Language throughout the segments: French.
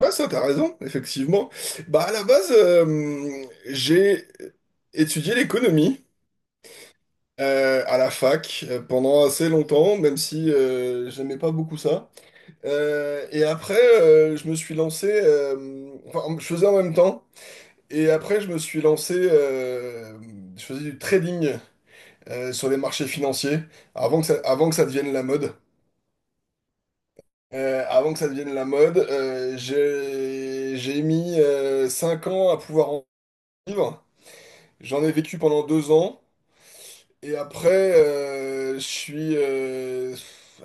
Ouais, ça, t'as raison, effectivement. Bah, à la base, j'ai étudié l'économie à la fac pendant assez longtemps, même si j'aimais pas beaucoup ça. Et après, je me suis lancé, enfin, je faisais en même temps. Et après, je me suis lancé, je faisais du trading sur les marchés financiers avant que ça devienne la mode. Avant que ça devienne la mode, j'ai mis 5 ans à pouvoir en vivre. J'en ai vécu pendant 2 ans. Et après, je suis.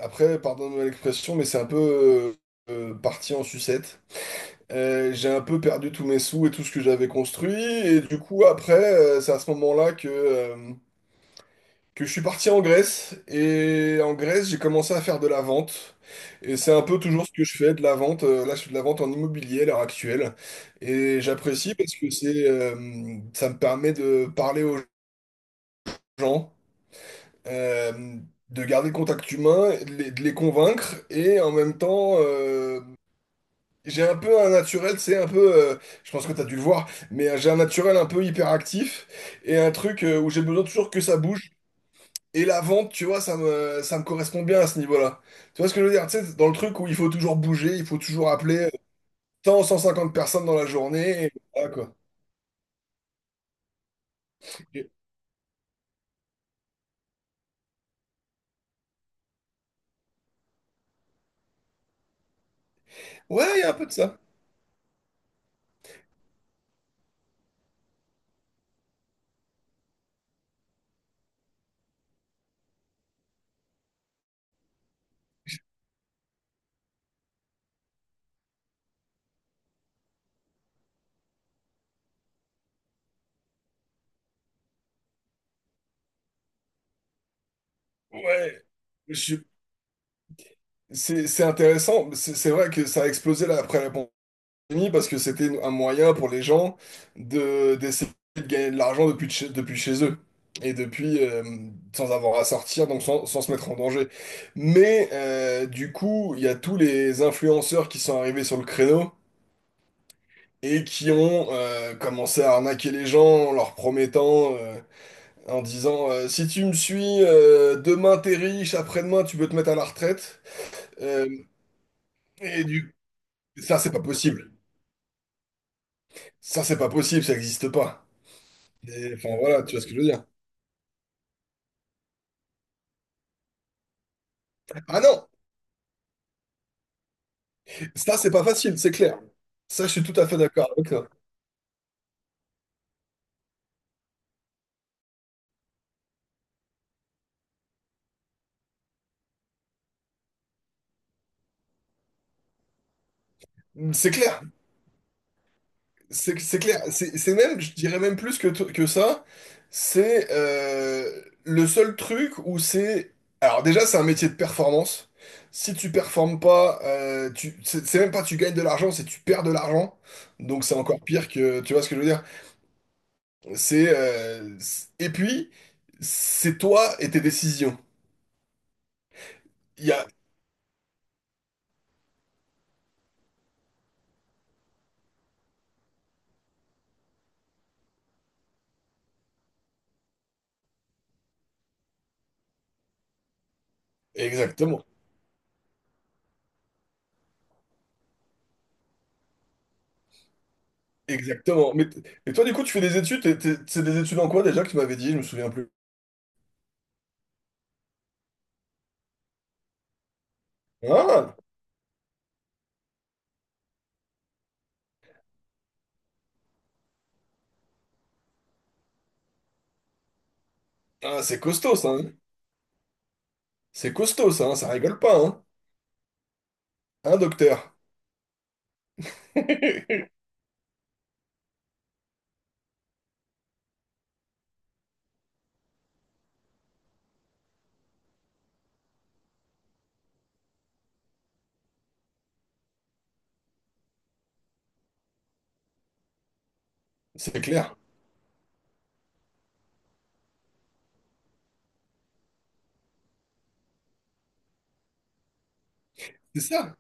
Après, pardonne-moi l'expression, mais c'est un peu parti en sucette. J'ai un peu perdu tous mes sous et tout ce que j'avais construit. Et du coup, après, c'est à ce moment-là que je suis parti en Grèce. Et en Grèce, j'ai commencé à faire de la vente. Et c'est un peu toujours ce que je fais, de la vente. Là, je fais de la vente en immobilier à l'heure actuelle. Et j'apprécie parce que ça me permet de parler aux gens. euh, de garder contact humain, de les convaincre, et en même temps, j'ai un peu un naturel, c'est un peu, je pense que t'as dû le voir, mais j'ai un naturel un peu hyperactif, et un truc où j'ai besoin toujours que ça bouge. Et la vente, tu vois, ça me correspond bien à ce niveau-là. Tu vois ce que je veux dire? Tu sais, dans le truc où il faut toujours bouger, il faut toujours appeler tant 150 personnes dans la journée, et voilà, quoi. Ouais, il y a un peu de ça. Ouais, je suis- c'est intéressant. C'est vrai que ça a explosé là, après la États-Unis parce que c'était un moyen pour les gens de d'essayer de gagner de l'argent depuis chez eux et depuis sans avoir à sortir, donc sans se mettre en danger. Mais du coup, il y a tous les influenceurs qui sont arrivés sur le créneau et qui ont commencé à arnaquer les gens en leur promettant, en disant si tu me suis, demain t'es riche, après-demain tu peux te mettre à la retraite. Euh, et du... Ça, c'est pas possible. Ça, c'est pas possible, ça n'existe pas. Et, enfin voilà, tu vois ce que je veux dire. Ah non, ça c'est pas facile, c'est clair. Ça, je suis tout à fait d'accord avec toi. C'est clair, c'est clair. C'est même, je dirais même plus que ça, c'est le seul truc où c'est... Alors déjà, c'est un métier de performance. Si tu performes pas, c'est même pas tu gagnes de l'argent, c'est tu perds de l'argent. Donc c'est encore pire que... Tu vois ce que je veux dire? Et puis, c'est toi et tes décisions. Il y a... Exactement. Exactement. Mais et toi, du coup, tu fais des études, c'est des études en quoi déjà que tu m'avais dit, je me souviens plus. Ah, ah, c'est costaud ça, hein. C'est costaud ça, hein, ça rigole pas, hein. Hein, docteur? C'est clair. C'est ça.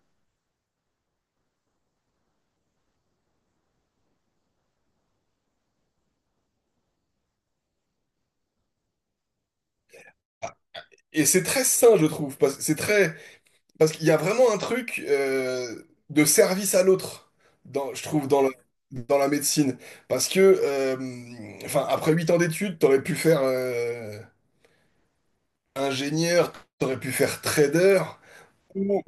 Et c'est très sain, je trouve, parce c'est très parce qu'il y a vraiment un truc de service à l'autre, dans, je trouve, dans la médecine. Parce que, enfin, après 8 ans d'études, t'aurais pu faire ingénieur, t'aurais pu faire trader. Ou-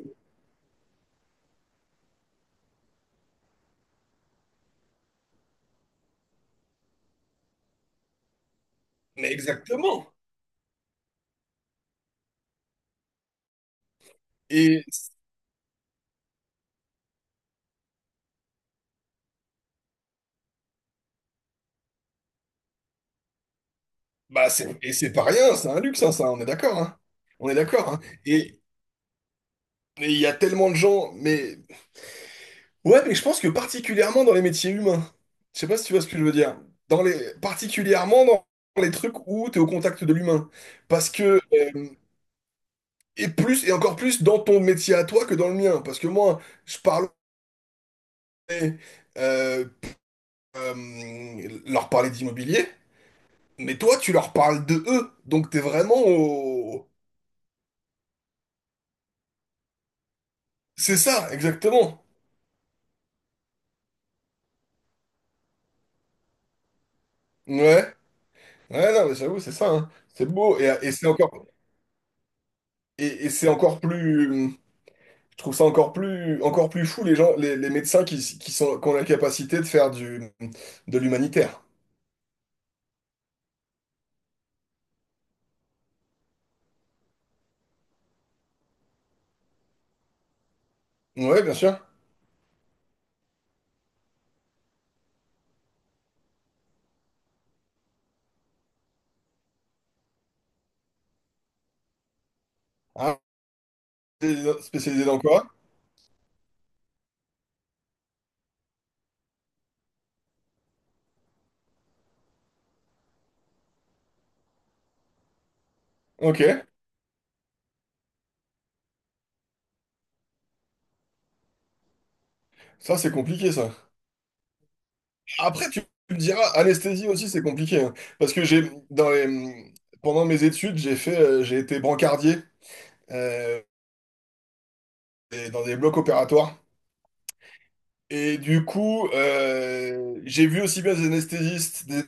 Mais exactement. Et bah c'est et c'est pas rien, c'est un luxe, hein, ça, on est d'accord, hein. On est d'accord, hein. Et et il y a tellement de gens, mais ouais, mais je pense que particulièrement dans les métiers humains, je sais pas si tu vois ce que je veux dire, dans les particulièrement dans les trucs où tu es au contact de l'humain, parce que euh, et plus et encore plus dans ton métier à toi que dans le mien, parce que moi je parle euh, euh, leur parler d'immobilier, mais toi tu leur parles de eux, donc t'es vraiment au... C'est ça, exactement. Ouais, ouais, non, mais j'avoue, c'est ça, hein. C'est beau, et c'est encore plus, je trouve ça encore plus fou, les médecins qui ont la capacité de faire de l'humanitaire. Ouais, bien sûr. Ah, t'es spécialisé dans quoi? Ok, ça, c'est compliqué, ça. Après, tu me diras, anesthésie aussi, c'est compliqué, hein. Parce que pendant mes études, j'ai été brancardier, euh, et dans des blocs opératoires. Et du coup, j'ai vu aussi bien des anesthésistes, des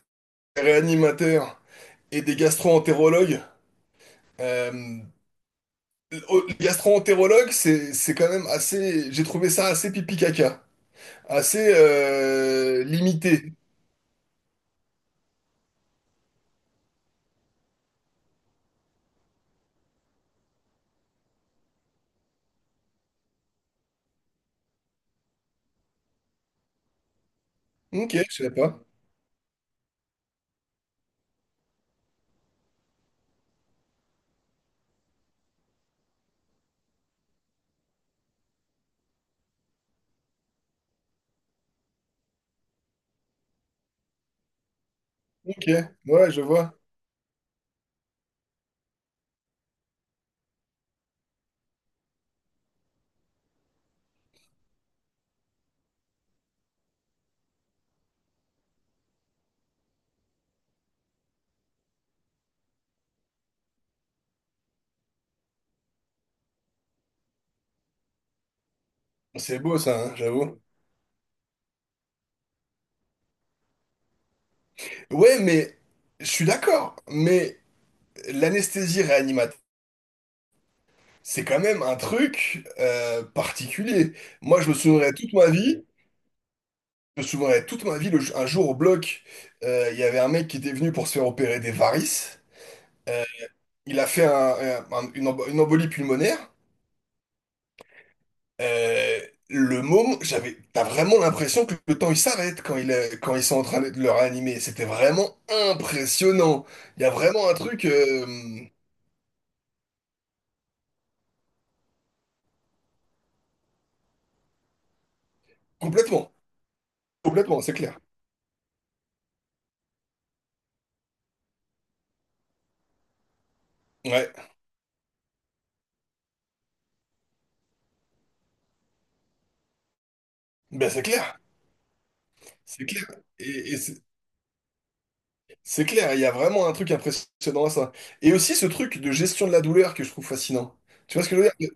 réanimateurs et des gastro-entérologues. Euh, oh, les gastro-entérologues, c'est quand même assez. J'ai trouvé ça assez pipi-caca, assez limité. Ok, je sais pas. Ok, ouais, je vois. C'est beau ça, hein, j'avoue. Ouais, mais je suis d'accord. Mais l'anesthésie réanimateur, c'est quand même un truc particulier. Moi, je me souviendrai toute ma vie. Je me souviendrai toute ma vie, un jour au bloc, il y avait un mec qui était venu pour se faire opérer des varices. Euh, il a fait une embolie pulmonaire. Euh, T'as vraiment l'impression que le temps il s'arrête quand ils sont en train de le réanimer. C'était vraiment impressionnant. Il y a vraiment un truc complètement, complètement, c'est clair. Ouais, ben c'est clair, c'est clair. Et c'est clair, il y a vraiment un truc impressionnant à ça. Et aussi ce truc de gestion de la douleur que je trouve fascinant. Tu vois ce que je veux dire?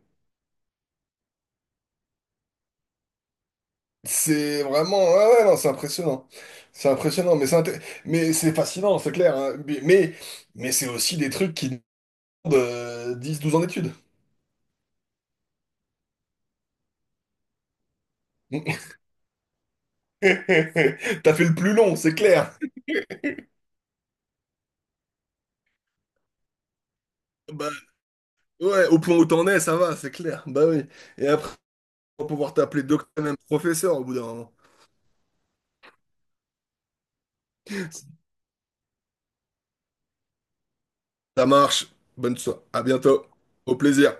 C'est vraiment, ouais, ouais, non, c'est impressionnant. C'est impressionnant, mais c'est fascinant, c'est clair, hein. Mais c'est aussi des trucs qui demandent 10-12 ans d'études. T'as fait le plus long, c'est clair. Bah, ouais, au point où t'en es, ça va, c'est clair. Bah oui. Et après, on va pouvoir t'appeler docteur, même professeur au bout d'un moment. Ça marche. Bonne soirée. À bientôt. Au plaisir.